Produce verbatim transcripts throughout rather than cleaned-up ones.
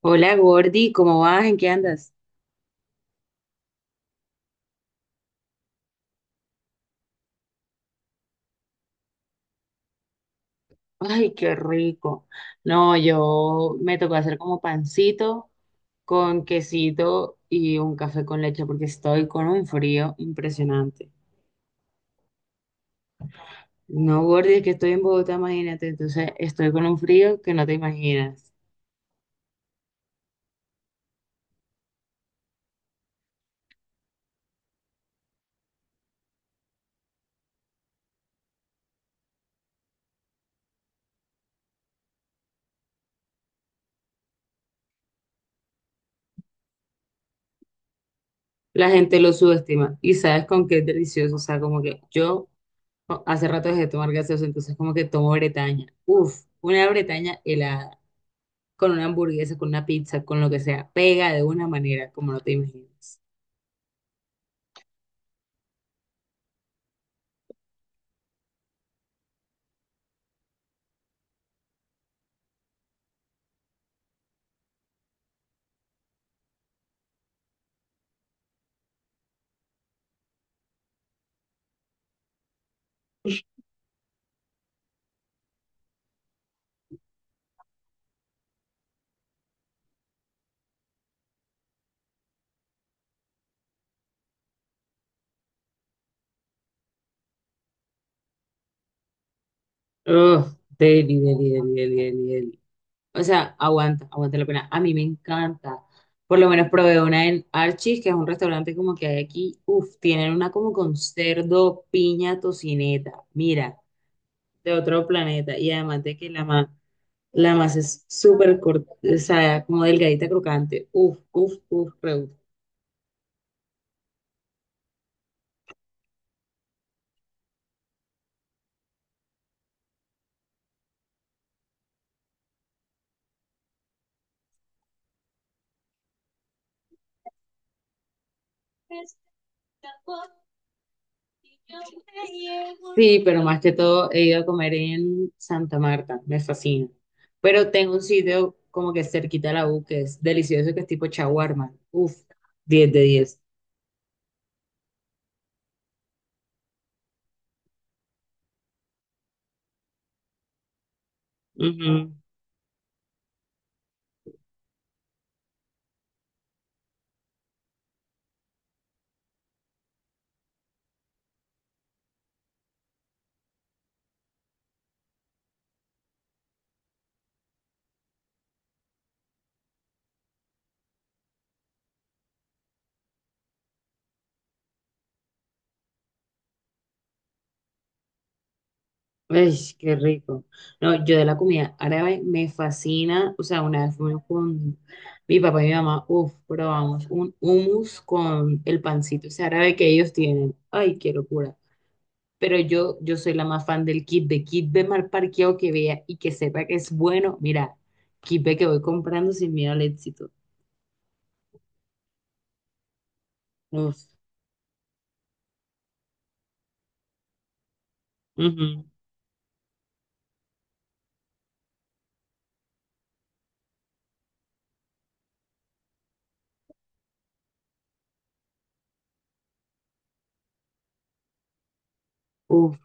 Hola Gordy, ¿cómo vas? ¿En qué andas? Ay, qué rico. No, yo me tocó hacer como pancito con quesito y un café con leche porque estoy con un frío impresionante. No, Gordy, es que estoy en Bogotá, imagínate. Entonces estoy con un frío que no te imaginas. La gente lo subestima y sabes con qué es delicioso. O sea, como que yo hace rato dejé de tomar gaseosa, entonces como que tomo Bretaña. Uf, una Bretaña helada. Con una hamburguesa, con una pizza, con lo que sea, pega de una manera como no te imaginas. Ugh, deli, deli, deli, deli, deli, deli. O sea, aguanta, aguanta la pena. A mí me encanta. Por lo menos probé una en Archie's, que es un restaurante como que hay aquí. Uf, tienen una como con cerdo, piña, tocineta. Mira, de otro planeta. Y además de que la más, la masa es súper corta, o sea, como delgadita, crocante. Uf, uf, uf, re. Sí, pero más que todo he ido a comer en Santa Marta, me fascina. Pero tengo un sitio como que cerquita a la U que es delicioso, que es tipo shawarma. Uf, diez de diez. Ujú. Ay, qué rico. No, yo de la comida árabe me fascina. O sea, una vez fuimos con mi papá y mi mamá, uf, probamos un hummus con el pancito ese árabe que ellos tienen. Ay, qué locura. Pero yo, yo soy la más fan del kit de kit de mal parqueado que vea y que sepa que es bueno. Mira, kit de que voy comprando sin miedo al éxito. Uf, ujú, uf,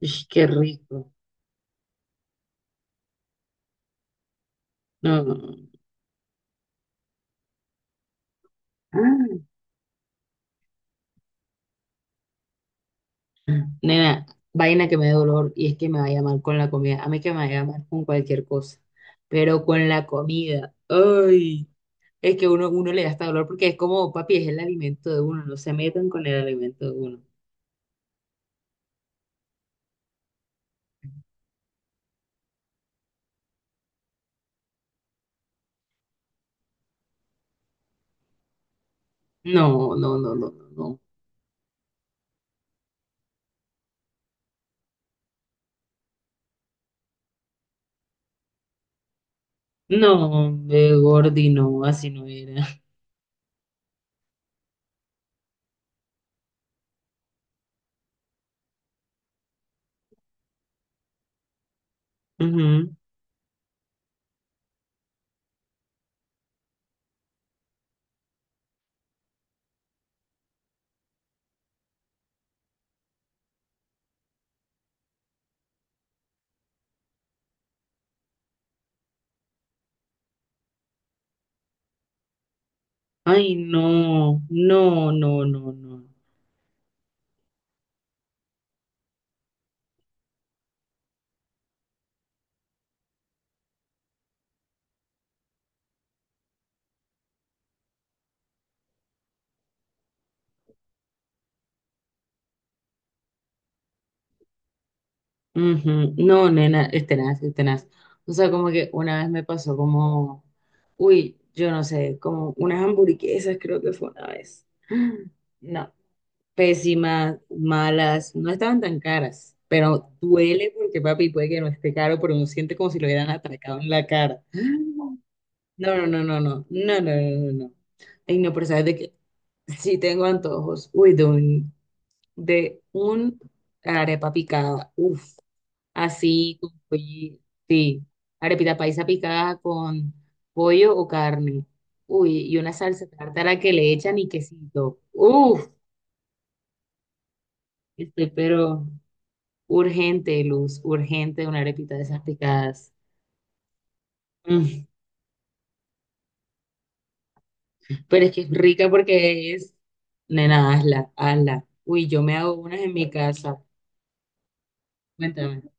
ish, qué rico. No, no, no. Ah, nena, vaina que me dé dolor y es que me vaya mal con la comida. A mí que me vaya mal con cualquier cosa, pero con la comida, ay, es que uno, uno le da hasta dolor porque es como, papi, es el alimento de uno, no se metan con el alimento de uno. No, no, no, no, no, no. No, de Gordi, no, así no era. Ujú. Ay, no, no, no, no, no. Ujú. No, nena, es tenaz, es tenaz. O sea, como que una vez me pasó como, uy, yo no sé, como unas hamburguesas creo que fue una vez. No, pésimas, malas, no estaban tan caras, pero duele porque papi puede que no esté caro, pero uno siente como si lo hubieran atracado en la cara. No, no, no, no, no, no, no, no, no, no, no. Ay, no, pero ¿sabes de qué? Sí tengo antojos. Uy, de un, de un arepa picada. Uf, así con pollo. Sí, arepita paisa picada con pollo o carne. Uy, y una salsa tártara que le echan y quesito. Uf, estoy pero urgente, Luz, urgente una arepita de esas picadas. Mm, pero es que es rica porque es... Nena, hazla, hazla. Uy, yo me hago unas en mi casa. Cuéntame.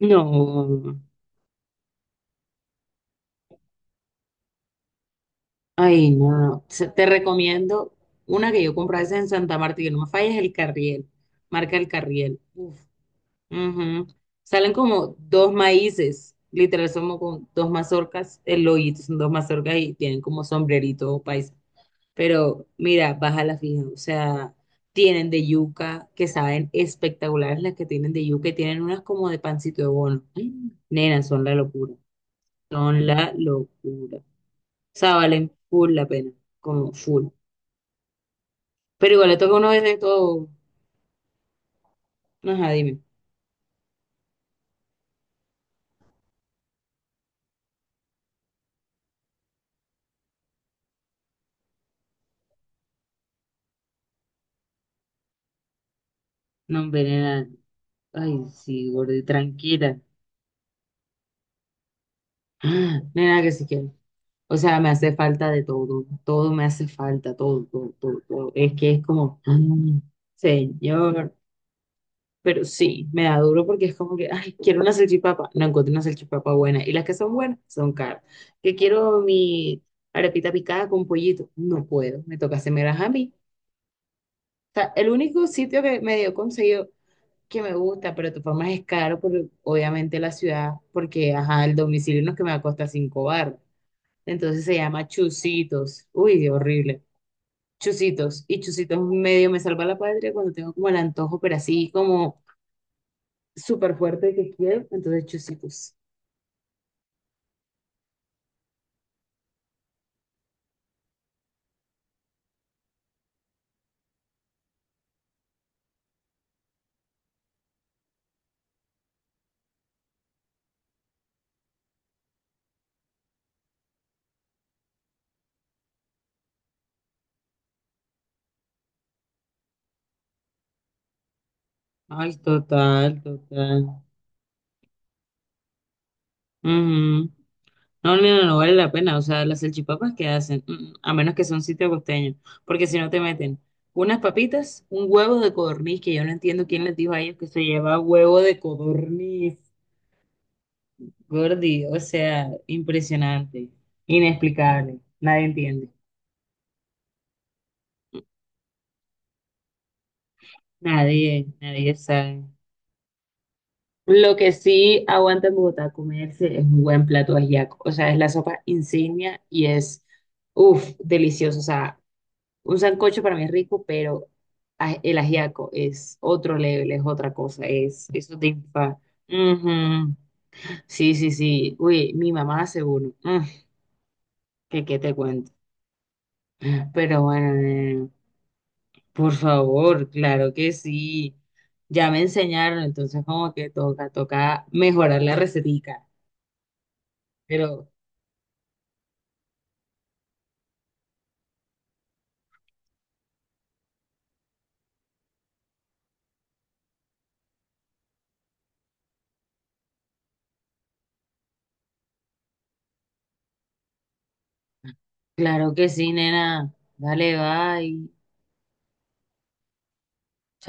No. Ay, no, no. Se- Te recomiendo una que yo compré esa en Santa Marta y que no me falles, el Carriel. Marca el Carriel. Uf. Ujú. Salen como dos maíces. Literal, somos con dos mazorcas. El hoyito son dos mazorcas y tienen como sombrerito paisa. Pero mira, baja la fija. O sea, tienen de yuca que saben espectaculares las que tienen de yuca y tienen unas como de pancito de bono. Mm. Nena, son la locura. Son la locura. O sea, valen full la pena. Como full. Pero igual le toca una vez de todo. Ajá, dime. No, hombre, nena. Ay, sí, gordi, tranquila. Ah, nena, que si quiero. O sea, me hace falta de todo. Todo me hace falta, todo, todo, todo, todo. Es que es como, mm, señor. Pero sí, me da duro porque es como que, ay, quiero una salchipapa. No encuentro una salchipapa buena. Y las que son buenas son caras. Que quiero mi arepita picada con pollito. No puedo. Me toca hacerme a mí. O sea, el único sitio que medio conseguido que me gusta, pero de todas formas es caro, por, obviamente la ciudad, porque ajá, el domicilio no es que me va a costar cinco bar. Entonces se llama Chusitos. Uy, horrible. Chusitos. Y Chusitos medio me salva la patria cuando tengo como el antojo, pero así como súper fuerte que quiero. Entonces Chusitos. Ay, total, total. Ujú. No, no, no, no vale la pena. O sea, las salchipapas que hacen, mm, mm, a menos que sea un sitio costeño, porque si no te meten unas papitas, un huevo de codorniz, que yo no entiendo quién les dijo a ellos que se lleva huevo de codorniz, gordi. O sea, impresionante, inexplicable. Nadie entiende. Nadie, nadie sabe. Lo que sí aguanta en Bogotá comerse es un buen plato ajiaco. O sea, es la sopa insignia y es, uff, delicioso. O sea, un sancocho para mí es rico, pero a- el ajiaco es otro level, es otra cosa, es eso te infa. Ujú. Sí, sí, sí. Uy, mi mamá hace uno. Mm, que qué te cuento. Pero bueno, nena, por favor, claro que sí. Ya me enseñaron, entonces como que toca, toca mejorar la recetica. Pero claro que sí, nena. Dale, bye.